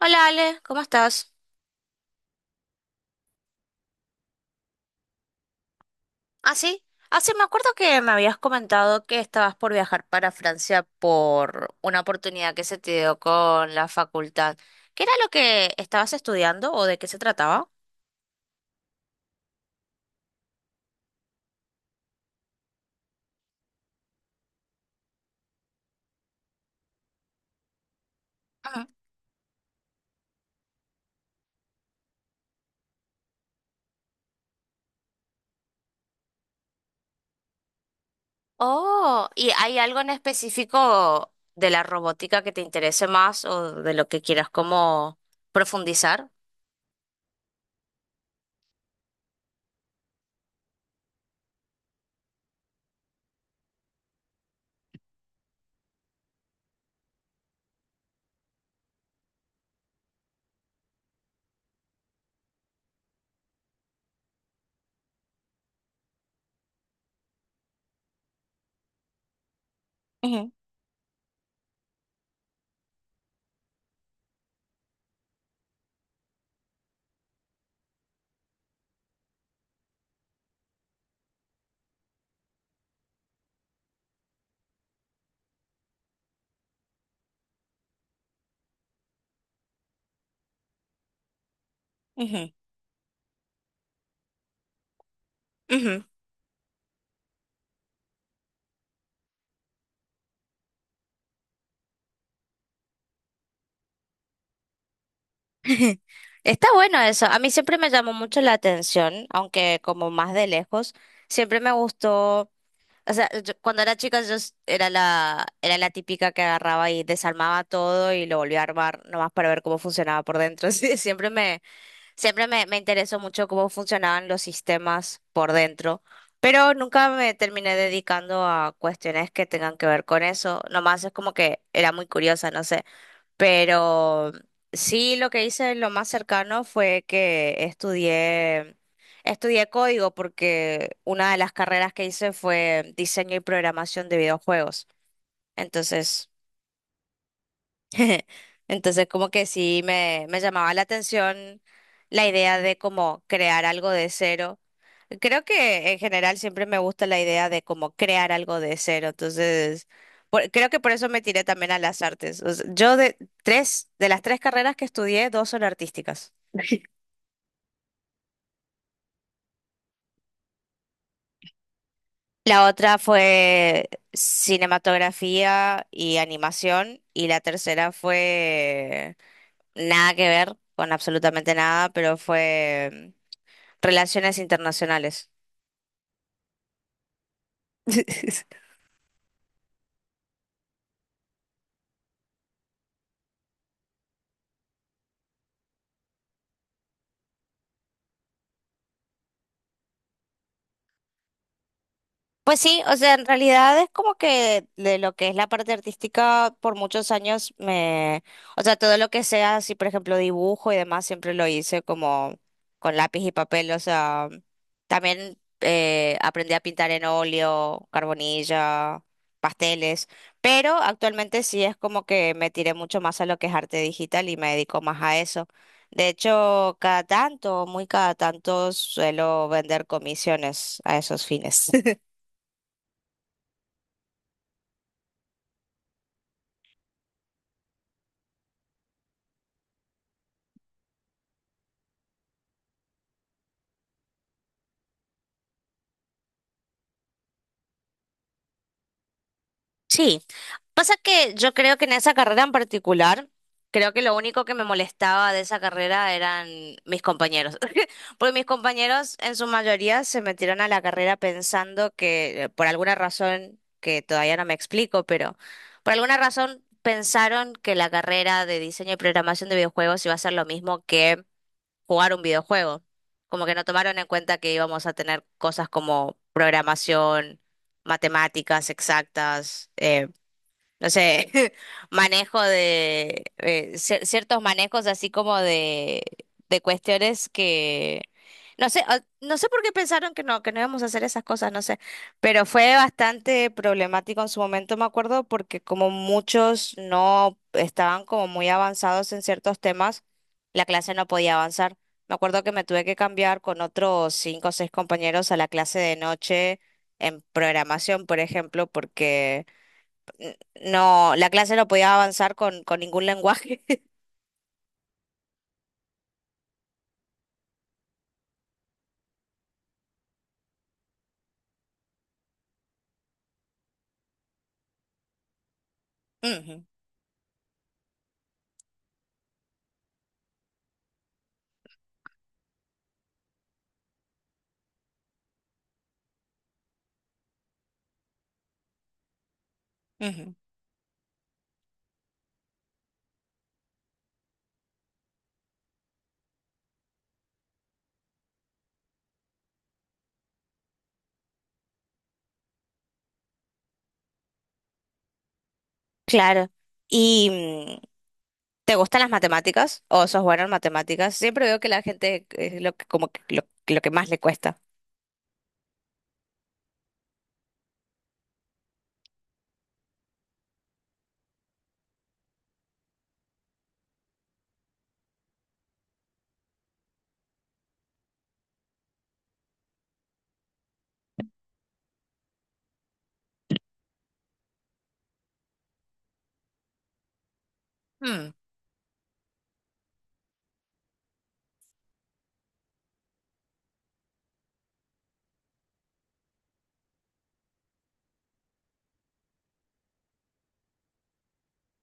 Hola Ale, ¿cómo estás? Ah, sí. Ah, sí, me acuerdo que me habías comentado que estabas por viajar para Francia por una oportunidad que se te dio con la facultad. ¿Qué era lo que estabas estudiando o de qué se trataba? Ajá. Oh, ¿y hay algo en específico de la robótica que te interese más o de lo que quieras como profundizar? Ujú, ujú. Ujú. Está bueno eso. A mí siempre me llamó mucho la atención, aunque como más de lejos, siempre me gustó. O sea, yo- cuando era chica era la típica que agarraba y desarmaba todo y lo volvía a armar nomás para ver cómo funcionaba por dentro. Sí, siempre me interesó mucho cómo funcionaban los sistemas por dentro, pero nunca me terminé dedicando a cuestiones que tengan que ver con eso. Nomás es como que era muy curiosa, no sé. Pero sí, lo que hice lo más cercano fue que estudié código porque una de las carreras que hice fue diseño y programación de videojuegos. Entonces, entonces, como que sí me llamaba la atención la idea de como crear algo de cero. Creo que en general siempre me gusta la idea de como crear algo de cero. Entonces, creo que por eso me tiré también a las artes. O sea, yo de tres, de las tres carreras que estudié, dos son artísticas. La otra fue cinematografía y animación y la tercera fue nada que ver con absolutamente nada, pero fue Relaciones Internacionales. Pues sí, o sea, en realidad es como que de lo que es la parte artística por muchos años o sea, todo lo que sea así, por ejemplo, dibujo y demás, siempre lo hice como con lápiz y papel, o sea, también aprendí a pintar en óleo, carbonilla, pasteles, pero actualmente sí es como que me tiré mucho más a lo que es arte digital y me dedico más a eso. De hecho, cada tanto, muy cada tanto suelo vender comisiones a esos fines. Sí, pasa que yo creo que en esa carrera en particular, creo que lo único que me molestaba de esa carrera eran mis compañeros, porque mis compañeros en su mayoría se metieron a la carrera pensando que por alguna razón, que todavía no me explico, pero por alguna razón pensaron que la carrera de diseño y programación de videojuegos iba a ser lo mismo que jugar un videojuego, como que no tomaron en cuenta que íbamos a tener cosas como programación, matemáticas exactas. No sé, manejo de ciertos manejos así como de cuestiones que no sé, ah, no sé por qué pensaron que que no íbamos a hacer esas cosas, no sé, pero fue bastante problemático en su momento, me acuerdo, porque como muchos no estaban como muy avanzados en ciertos temas, la clase no podía avanzar. Me acuerdo que me tuve que cambiar con otros cinco o seis compañeros a la clase de noche en programación, por ejemplo, porque n- no, la clase no podía avanzar con ningún lenguaje. Ujú, ujú. Claro. ¿Y te gustan las matemáticas? ¿O sos bueno en matemáticas? Siempre veo que la gente es lo que, como que lo que más le cuesta.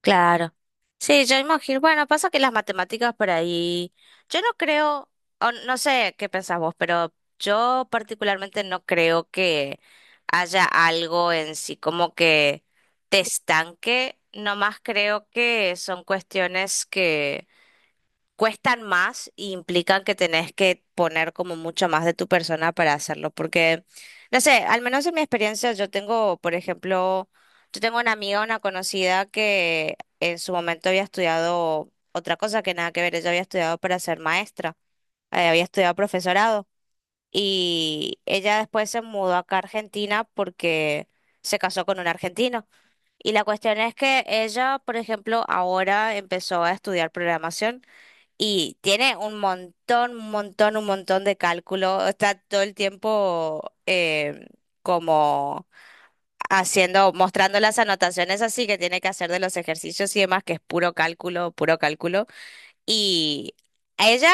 Claro. Sí, yo imagino. Bueno, pasa que las matemáticas por ahí. Yo no creo, o no sé qué pensás vos, pero yo particularmente no creo que haya algo en sí como que te estanque. Nomás creo que son cuestiones que cuestan más y implican que tenés que poner como mucho más de tu persona para hacerlo, porque, no sé, al menos en mi experiencia yo tengo, por ejemplo, yo tengo una amiga, una conocida que en su momento había estudiado otra cosa que nada que ver, ella había estudiado para ser maestra, había estudiado profesorado y ella después se mudó acá a Argentina porque se casó con un argentino. Y la cuestión es que ella, por ejemplo, ahora empezó a estudiar programación. Y tiene un montón, un montón, un montón de cálculo. Está todo el tiempo como haciendo, mostrando las anotaciones así que tiene que hacer de los ejercicios y demás, que es puro cálculo, puro cálculo. Y a ella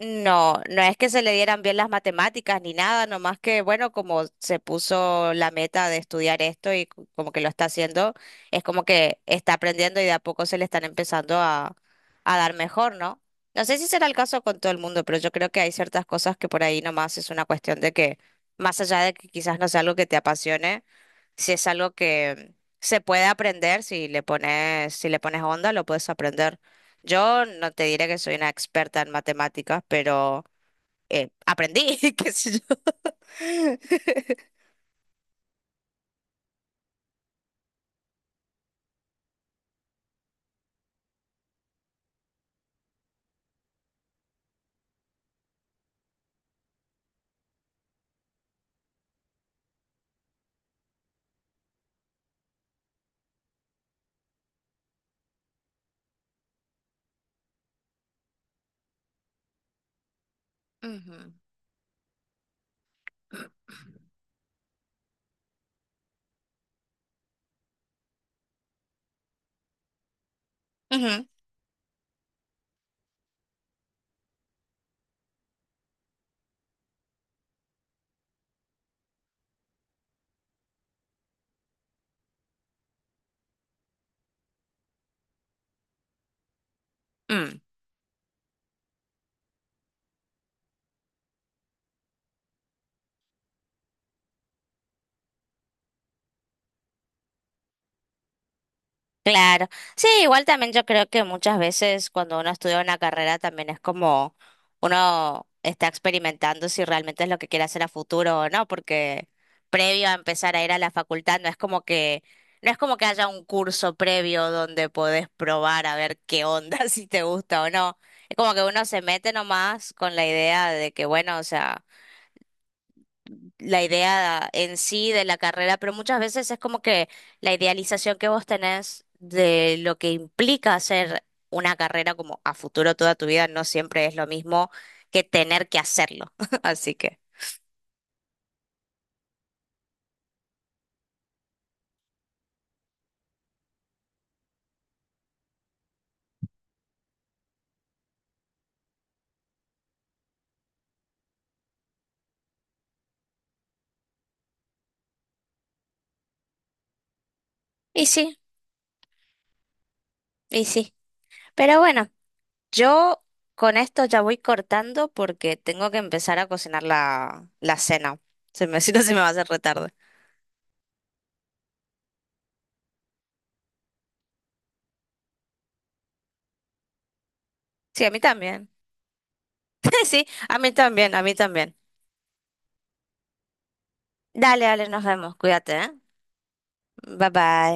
no es que se le dieran bien las matemáticas ni nada, nomás que, bueno, como se puso la meta de estudiar esto y como que lo está haciendo, es como que está aprendiendo y de a poco se le están empezando a dar mejor, ¿no? No sé si será el caso con todo el mundo, pero yo creo que hay ciertas cosas que por ahí nomás es una cuestión de que, más allá de que quizás no sea algo que te apasione, si es algo que se puede aprender, si le pones onda, lo puedes aprender. Yo no te diré que soy una experta en matemáticas, pero aprendí, qué sé yo. Ujú. Ujú. Mm. Claro. Sí, igual también yo creo que muchas veces cuando uno estudia una carrera también es como uno está experimentando si realmente es lo que quiere hacer a futuro o no, porque previo a empezar a ir a la facultad no es como que no es como que haya un curso previo donde podés probar a ver qué onda, si te gusta o no. Es como que uno se mete nomás con la idea de que bueno, o sea, la idea en sí de la carrera, pero muchas veces es como que la idealización que vos tenés de lo que implica hacer una carrera como a futuro toda tu vida no siempre es lo mismo que tener que hacerlo. Así que, y sí, y sí. Pero bueno, yo con esto ya voy cortando porque tengo que empezar a cocinar la cena. Si no, se me va a hacer retardo. Sí, a mí también. Sí, a mí también, a mí también. Dale, dale, nos vemos. Cuídate, ¿eh? Bye bye.